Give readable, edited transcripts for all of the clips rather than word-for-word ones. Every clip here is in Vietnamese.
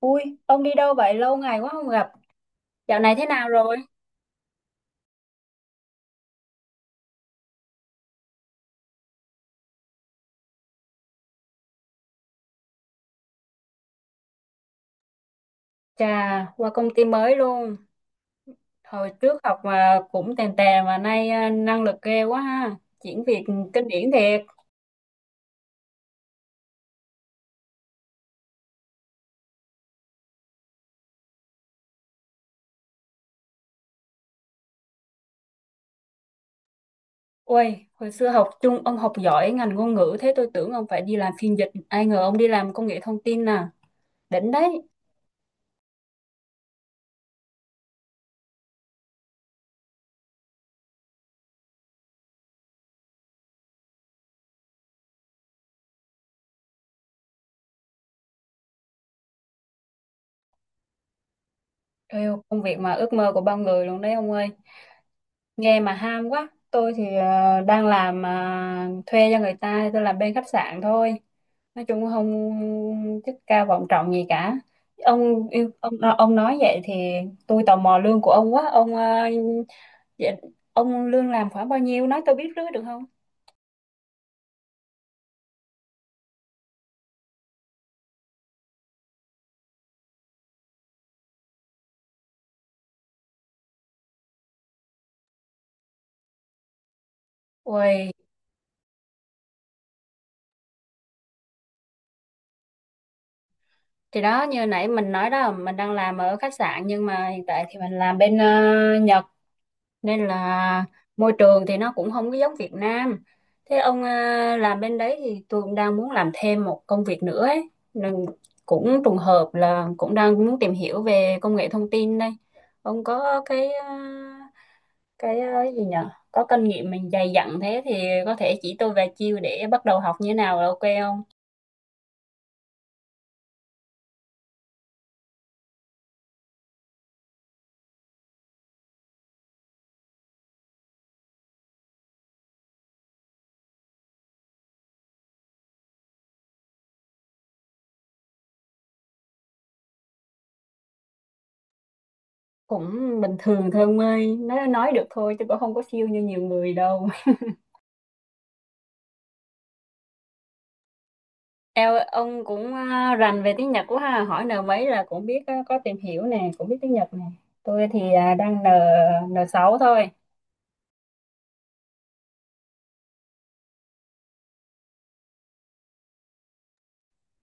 Ui, ông đi đâu vậy? Lâu ngày quá không gặp. Dạo này thế nào rồi? Chà, qua công ty mới luôn. Hồi trước học mà cũng tèn tè mà nay năng lực ghê quá ha. Chuyển việc kinh điển thiệt. Ui, hồi xưa học chung ông học giỏi ngành ngôn ngữ thế tôi tưởng ông phải đi làm phiên dịch. Ai ngờ ông đi làm công nghệ thông tin nè. Đỉnh đấy. Eo, công việc mà ước mơ của bao người luôn đấy ông ơi. Nghe mà ham quá. Tôi thì đang làm thuê cho người ta, tôi làm bên khách sạn thôi. Nói chung không chức cao vọng trọng gì cả. Ông yêu ông ông nói vậy thì tôi tò mò lương của ông quá. Ông vậy, ông lương làm khoảng bao nhiêu? Nói tôi biết rưới được không? Ui, thì đó như nãy mình nói đó, mình đang làm ở khách sạn nhưng mà hiện tại thì mình làm bên Nhật. Nên là môi trường thì nó cũng không có giống Việt Nam. Thế ông làm bên đấy thì tôi cũng đang muốn làm thêm một công việc nữa ấy. Nên cũng trùng hợp là cũng đang muốn tìm hiểu về công nghệ thông tin đây. Ông có cái cái gì nhở, có kinh nghiệm mình dày dặn thế thì có thể chỉ tôi vài chiêu để bắt đầu học như thế nào là ok không? Cũng bình thường thôi ông ơi, nói được thôi chứ cũng không có siêu như nhiều người đâu. Eo, ông cũng rành về tiếng Nhật quá ha, hỏi N mấy là cũng biết á, có tìm hiểu nè, cũng biết tiếng Nhật nè. Tôi thì đang N n sáu thôi.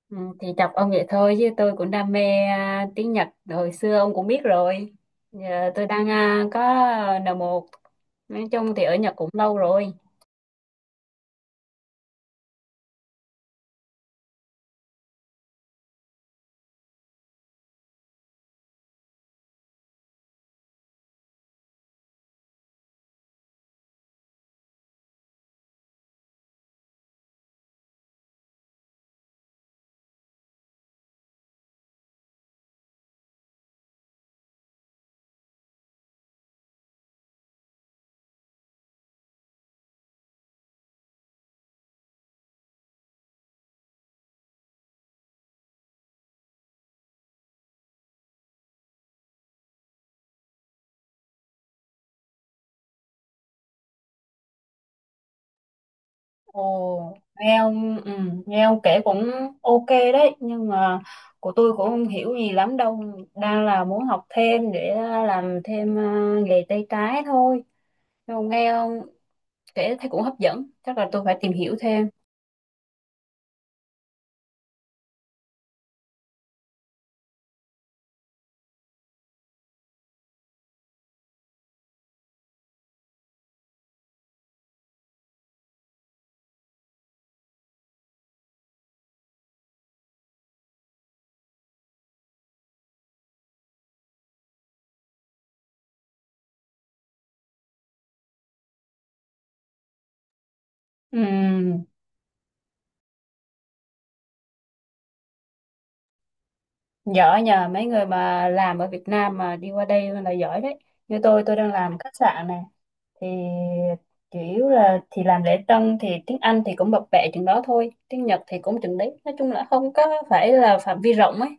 Ừ, thì chọc ông vậy thôi chứ tôi cũng đam mê tiếng Nhật hồi xưa ông cũng biết rồi. Giờ tôi đang có n một. Nói chung thì ở Nhật cũng lâu rồi. Ồ, nghe ông nghe ông kể cũng ok đấy, nhưng mà của tôi cũng không hiểu gì lắm đâu, đang là muốn học thêm để làm thêm nghề tay trái thôi. Không, nghe không? Kể thấy cũng hấp dẫn. Chắc là tôi phải tìm hiểu thêm. Ừm, giỏi nhờ, mấy người mà làm ở Việt Nam mà đi qua đây là giỏi đấy. Như tôi đang làm khách sạn này. Thì chủ yếu là thì làm lễ tân thì tiếng Anh thì cũng bập bẹ chừng đó thôi. Tiếng Nhật thì cũng chừng đấy. Nói chung là không có phải là phạm vi rộng ấy.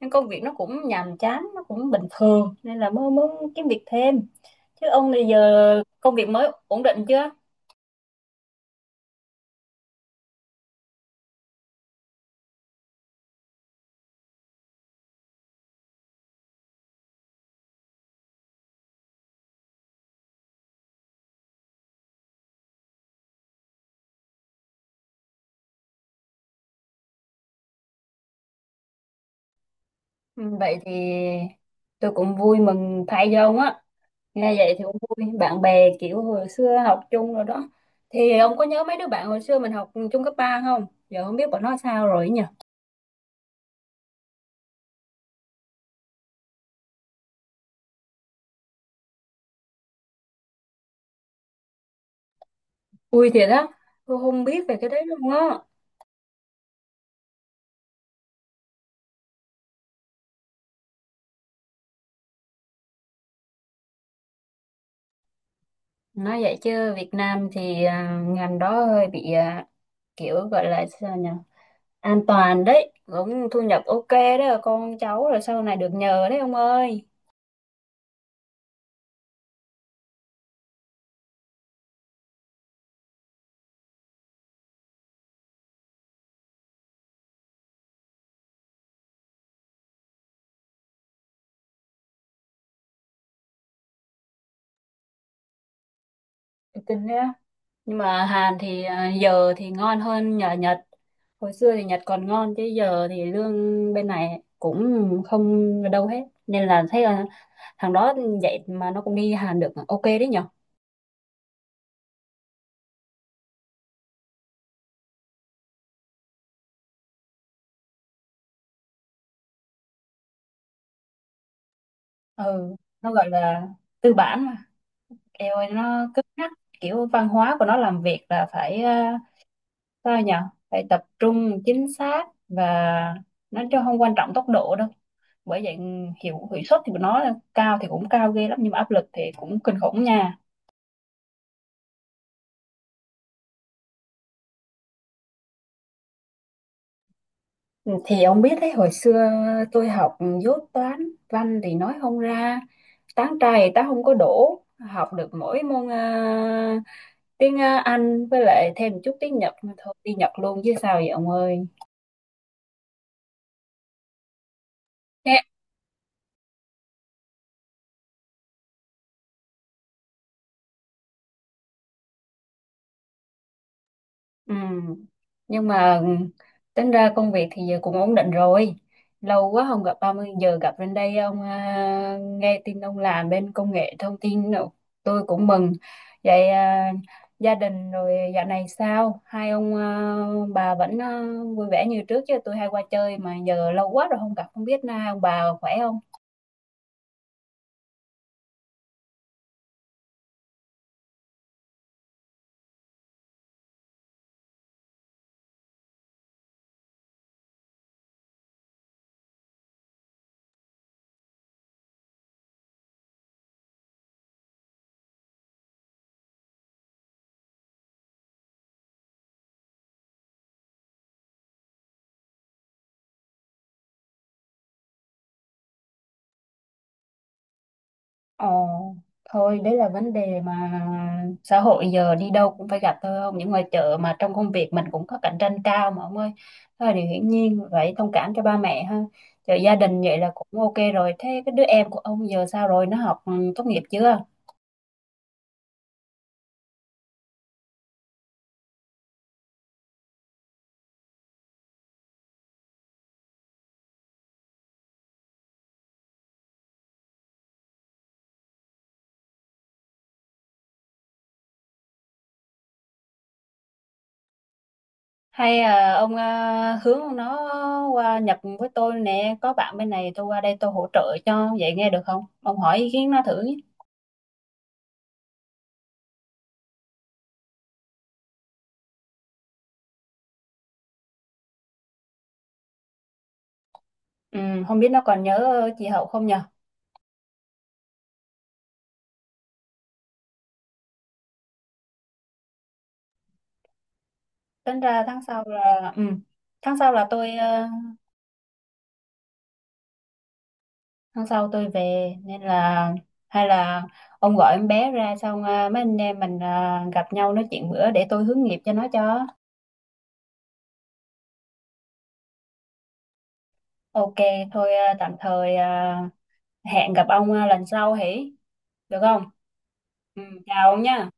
Nhưng công việc nó cũng nhàm chán, nó cũng bình thường. Nên là mới muốn kiếm việc thêm. Chứ ông bây giờ công việc mới ổn định chưa? Ừ, vậy thì tôi cũng vui mừng thay cho ông á, nghe vậy thì cũng vui, bạn bè kiểu hồi xưa học chung rồi đó, thì ông có nhớ mấy đứa bạn hồi xưa mình học chung cấp 3 không, giờ không biết bọn nó sao rồi ấy nhỉ. Vui thiệt á, tôi không biết về cái đấy luôn á. Nói vậy chứ Việt Nam thì ngành đó hơi bị kiểu gọi là sao nhỉ, an toàn đấy, cũng thu nhập ok đó, con cháu rồi sau này được nhờ đấy ông ơi. Tôi tin đó, nhưng mà Hàn thì giờ thì ngon hơn nhờ Nhật. Hồi xưa thì Nhật còn ngon chứ giờ thì lương bên này cũng không đâu hết, nên là thấy là thằng đó vậy mà nó cũng đi Hàn được, ok đấy nhở. Ừ, nó gọi là tư bản mà, eo ơi nó cứng nhắc, kiểu văn hóa của nó làm việc là phải sao nhở? Phải tập trung chính xác và nó chứ không quan trọng tốc độ đâu, bởi vậy hiệu hiệu suất thì của nó cao thì cũng cao ghê lắm nhưng mà áp lực thì cũng kinh khủng nha. Ừ, thì ông biết đấy, hồi xưa tôi học dốt toán, văn thì nói không ra, tán trai ta không có đổ, học được mỗi môn tiếng Anh với lại thêm chút tiếng Nhật mà thôi, đi Nhật luôn chứ sao vậy ông ơi. Thế. Ừ. Nhưng mà tính ra công việc thì giờ cũng ổn định rồi. Lâu quá không gặp 30 giờ gặp lên đây ông nghe tin ông làm bên công nghệ thông tin nữa. Tôi cũng mừng. Vậy gia đình rồi dạo này sao? Hai ông bà vẫn vui vẻ như trước chứ, tôi hay qua chơi mà giờ lâu quá rồi không gặp, không biết na ông bà khỏe không? Ờ, thôi đấy là vấn đề mà xã hội giờ đi đâu cũng phải gặp thôi, không những ngoài chợ mà trong công việc mình cũng có cạnh tranh cao mà ông ơi, thôi điều hiển nhiên phải thông cảm cho ba mẹ ha. Chợ gia đình vậy là cũng ok rồi, thế cái đứa em của ông giờ sao rồi, nó học tốt nghiệp chưa? Hay ông hướng nó qua Nhật với tôi nè, có bạn bên này tôi qua đây tôi hỗ trợ cho, vậy nghe được không, ông hỏi ý kiến nó thử nhé. Ừ, không biết nó còn nhớ chị Hậu không nhờ. Tính ra tháng sau là tháng sau là tôi ờ, tháng sau tôi về, nên là hay là ông gọi em bé ra xong mấy anh em mình gặp nhau nói chuyện bữa để tôi hướng nghiệp cho nó cho ok. Thôi tạm thời hẹn gặp ông lần sau hỉ, được không? Ừ, chào ông nha.